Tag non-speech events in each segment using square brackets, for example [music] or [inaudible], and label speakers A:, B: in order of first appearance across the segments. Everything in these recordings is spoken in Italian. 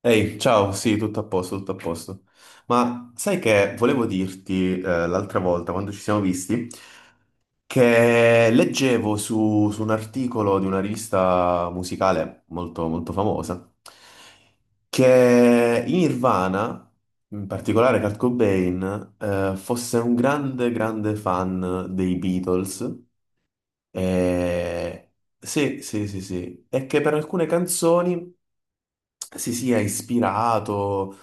A: Ehi, ciao, sì, tutto a posto, tutto a posto. Ma sai che volevo dirti l'altra volta, quando ci siamo visti, che leggevo su un articolo di una rivista musicale molto, molto famosa, che in Nirvana, in particolare Kurt Cobain, fosse un grande, grande fan dei Beatles. E... Sì, sì, sì, sì. E che per alcune canzoni si sia ispirato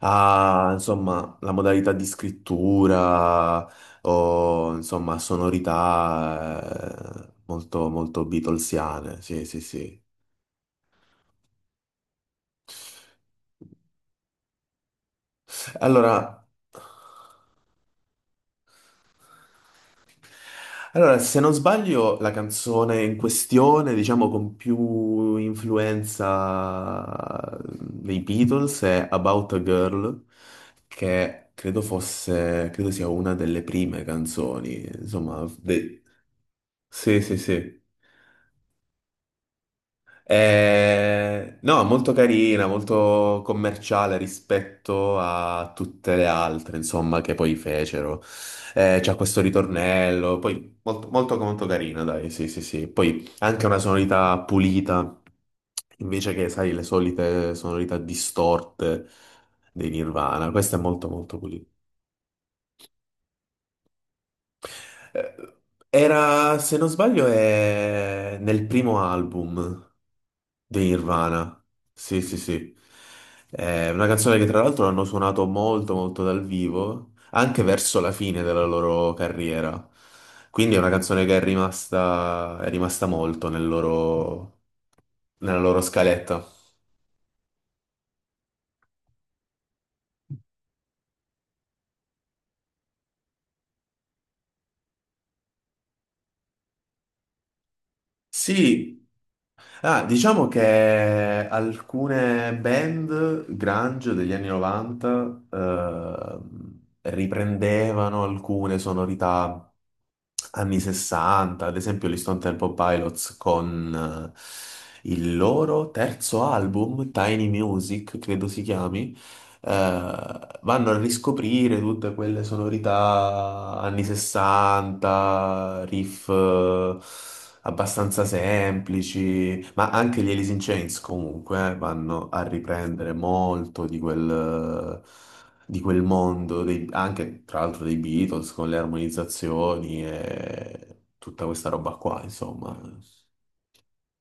A: a, insomma, la modalità di scrittura o, insomma, sonorità molto, molto Beatlesiane. Sì, sì, sì. Allora, allora, se non sbaglio, la canzone in questione, diciamo, con più influenza dei Beatles è About a Girl, che credo fosse, credo sia una delle prime canzoni, insomma. Sì, sì, sì. No, molto carina, molto commerciale rispetto a tutte le altre, insomma, che poi fecero. C'ha questo ritornello, poi molto, molto, molto carina, dai, sì, sì, sì. Poi anche una sonorità pulita, invece che, sai, le solite sonorità distorte dei Nirvana. Questa è molto, molto pulita. Eh, Era, se non sbaglio, è nel primo album di Nirvana. Sì, sì, sì. È una canzone che tra l'altro hanno suonato molto, molto dal vivo, anche verso la fine della loro carriera. Quindi è una canzone che è rimasta molto nella loro scaletta. Sì, ah, diciamo che alcune band grunge degli anni 90 riprendevano alcune sonorità anni 60, ad esempio gli Stone Temple Pilots con il loro terzo album, Tiny Music, credo si chiami, vanno a riscoprire tutte quelle sonorità anni 60, riff abbastanza semplici, ma anche gli Alice in Chains comunque vanno a riprendere molto di quel mondo, anche tra l'altro dei Beatles con le armonizzazioni e tutta questa roba qua, insomma.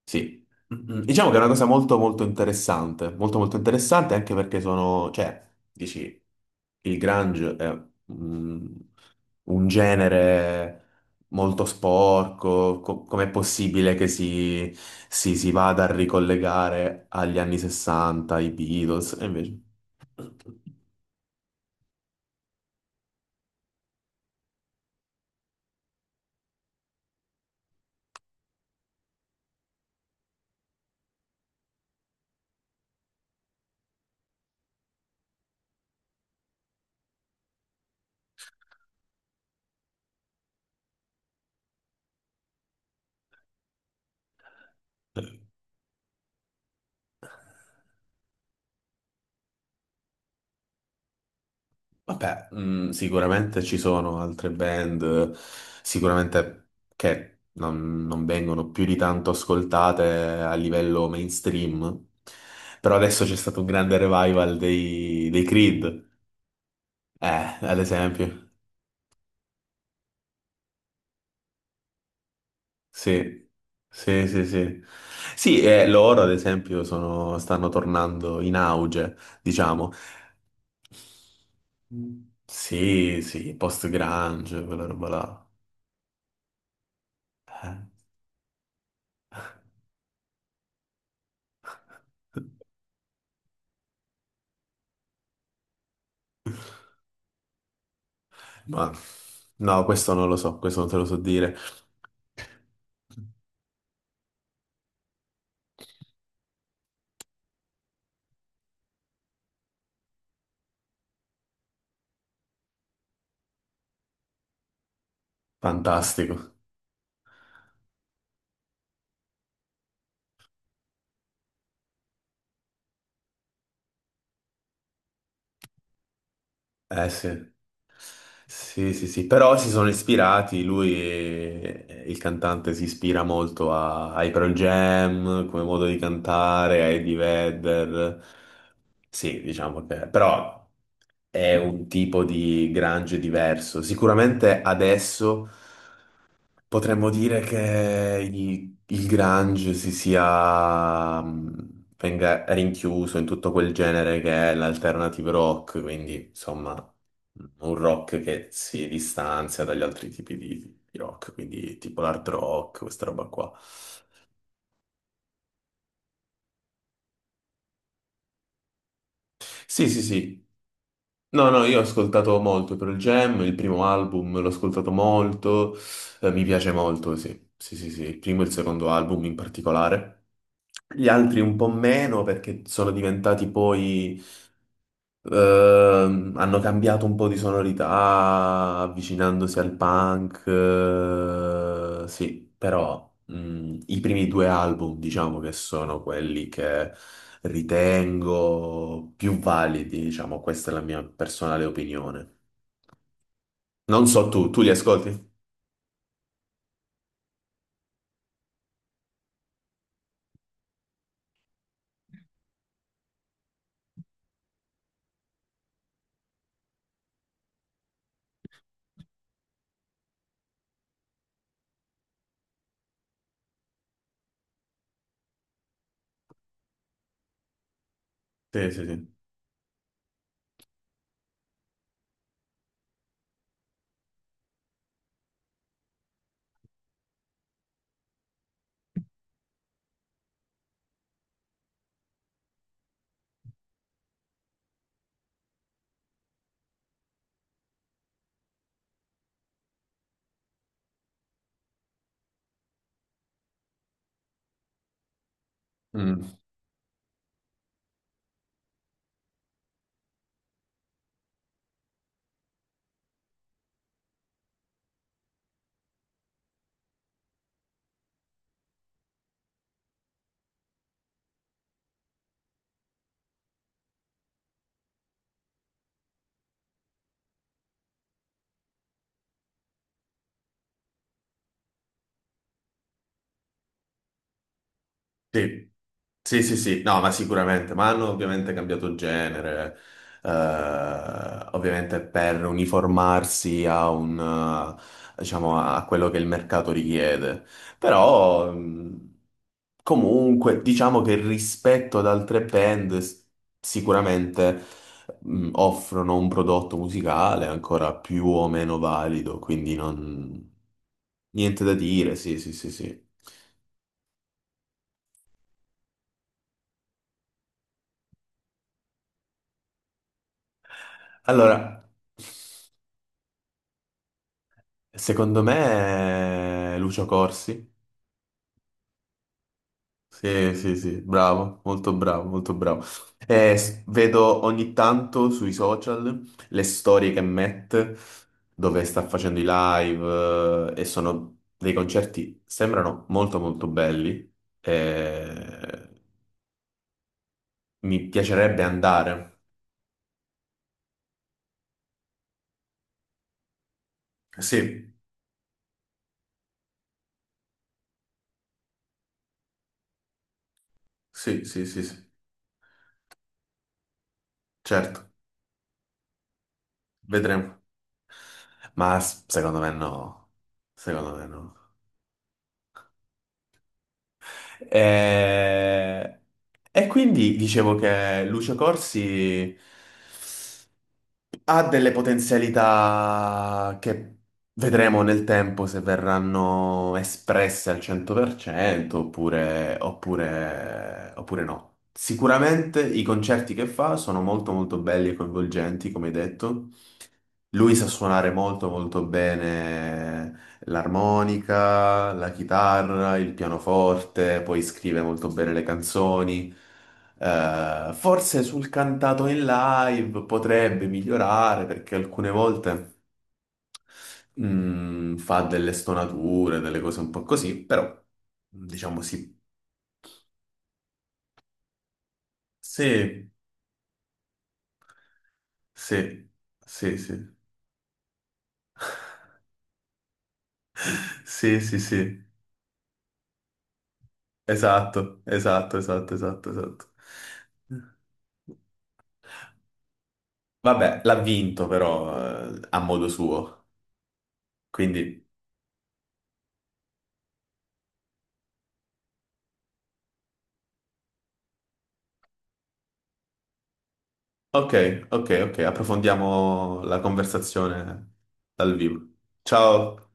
A: Sì. Mm, mm. Diciamo che è una cosa molto molto interessante anche perché sono, cioè, dici, il grunge è mm, un genere molto sporco, com'è possibile che si vada a ricollegare agli anni 60, ai Beatles? E invece. Vabbè, sicuramente ci sono altre band, sicuramente che non vengono più di tanto ascoltate a livello mainstream, però adesso c'è stato un grande revival dei Creed, eh, ad esempio. Sì, sì, sì, sì. Sì, loro ad esempio stanno tornando in auge, diciamo. Sì, sì, post-grunge, quella roba là. Eh. Ma no, questo non lo so, questo non te lo so dire. Fantastico. Eh sì. Sì, sì, sì, però si sono ispirati, lui, il cantante, si ispira molto ai Pearl Jam, come modo di cantare, a Eddie Vedder. Sì, diciamo però è un tipo di grunge diverso. Sicuramente adesso. Potremmo dire che il grunge venga rinchiuso in tutto quel genere che è l'alternative rock, quindi insomma un rock che si distanzia dagli altri tipi di rock, quindi tipo l'hard rock, questa roba qua. Sì, sì, sì. No, no, io ho ascoltato molto Pearl Jam, il primo album l'ho ascoltato molto, mi piace molto, sì. Sì, sì, sì, il primo e il secondo album in particolare. Gli altri un po' meno perché sono diventati poi, hanno cambiato un po' di sonorità avvicinandosi al punk, sì, però i primi due album diciamo che sono quelli che ritengo più validi, diciamo, questa è la mia personale opinione. Non so tu li ascolti? Sì, sì, sì. Mm. Sì, sì, sì, sì, no, ma sicuramente, ma hanno ovviamente cambiato genere, eh, ovviamente per uniformarsi a diciamo, a quello che il mercato richiede, però comunque diciamo che rispetto ad altre band sicuramente, offrono un prodotto musicale ancora più o meno valido, quindi non, niente da dire, sì, sì, sì, sì. Allora. Secondo me è Lucio Corsi. Sì, sì, sì, bravo, molto bravo, molto bravo. Vedo ogni tanto sui social le storie che mette dove sta facendo i live, e sono dei concerti, sembrano molto molto belli. Eh, mi piacerebbe andare. Sì, sì, sì, sì, sì, certo, vedremo. Ma secondo me no, secondo me no. E, e quindi dicevo che Lucio Corsi ha delle potenzialità che vedremo nel tempo se verranno espresse al 100% oppure no. Sicuramente i concerti che fa sono molto molto belli e coinvolgenti, come hai detto. Lui sa suonare molto molto bene l'armonica, la chitarra, il pianoforte, poi scrive molto bene le canzoni. Forse sul cantato in live potrebbe migliorare perché alcune volte fa delle stonature, delle cose un po' così, però diciamo sì. Sì, sì, sì, sì. [laughs] Sì, sì, sì. Esatto, esatto, esatto, esatto, esatto. Vabbè, l'ha vinto però a modo suo. Quindi, ok, ok, ok, approfondiamo la conversazione dal vivo. Ciao.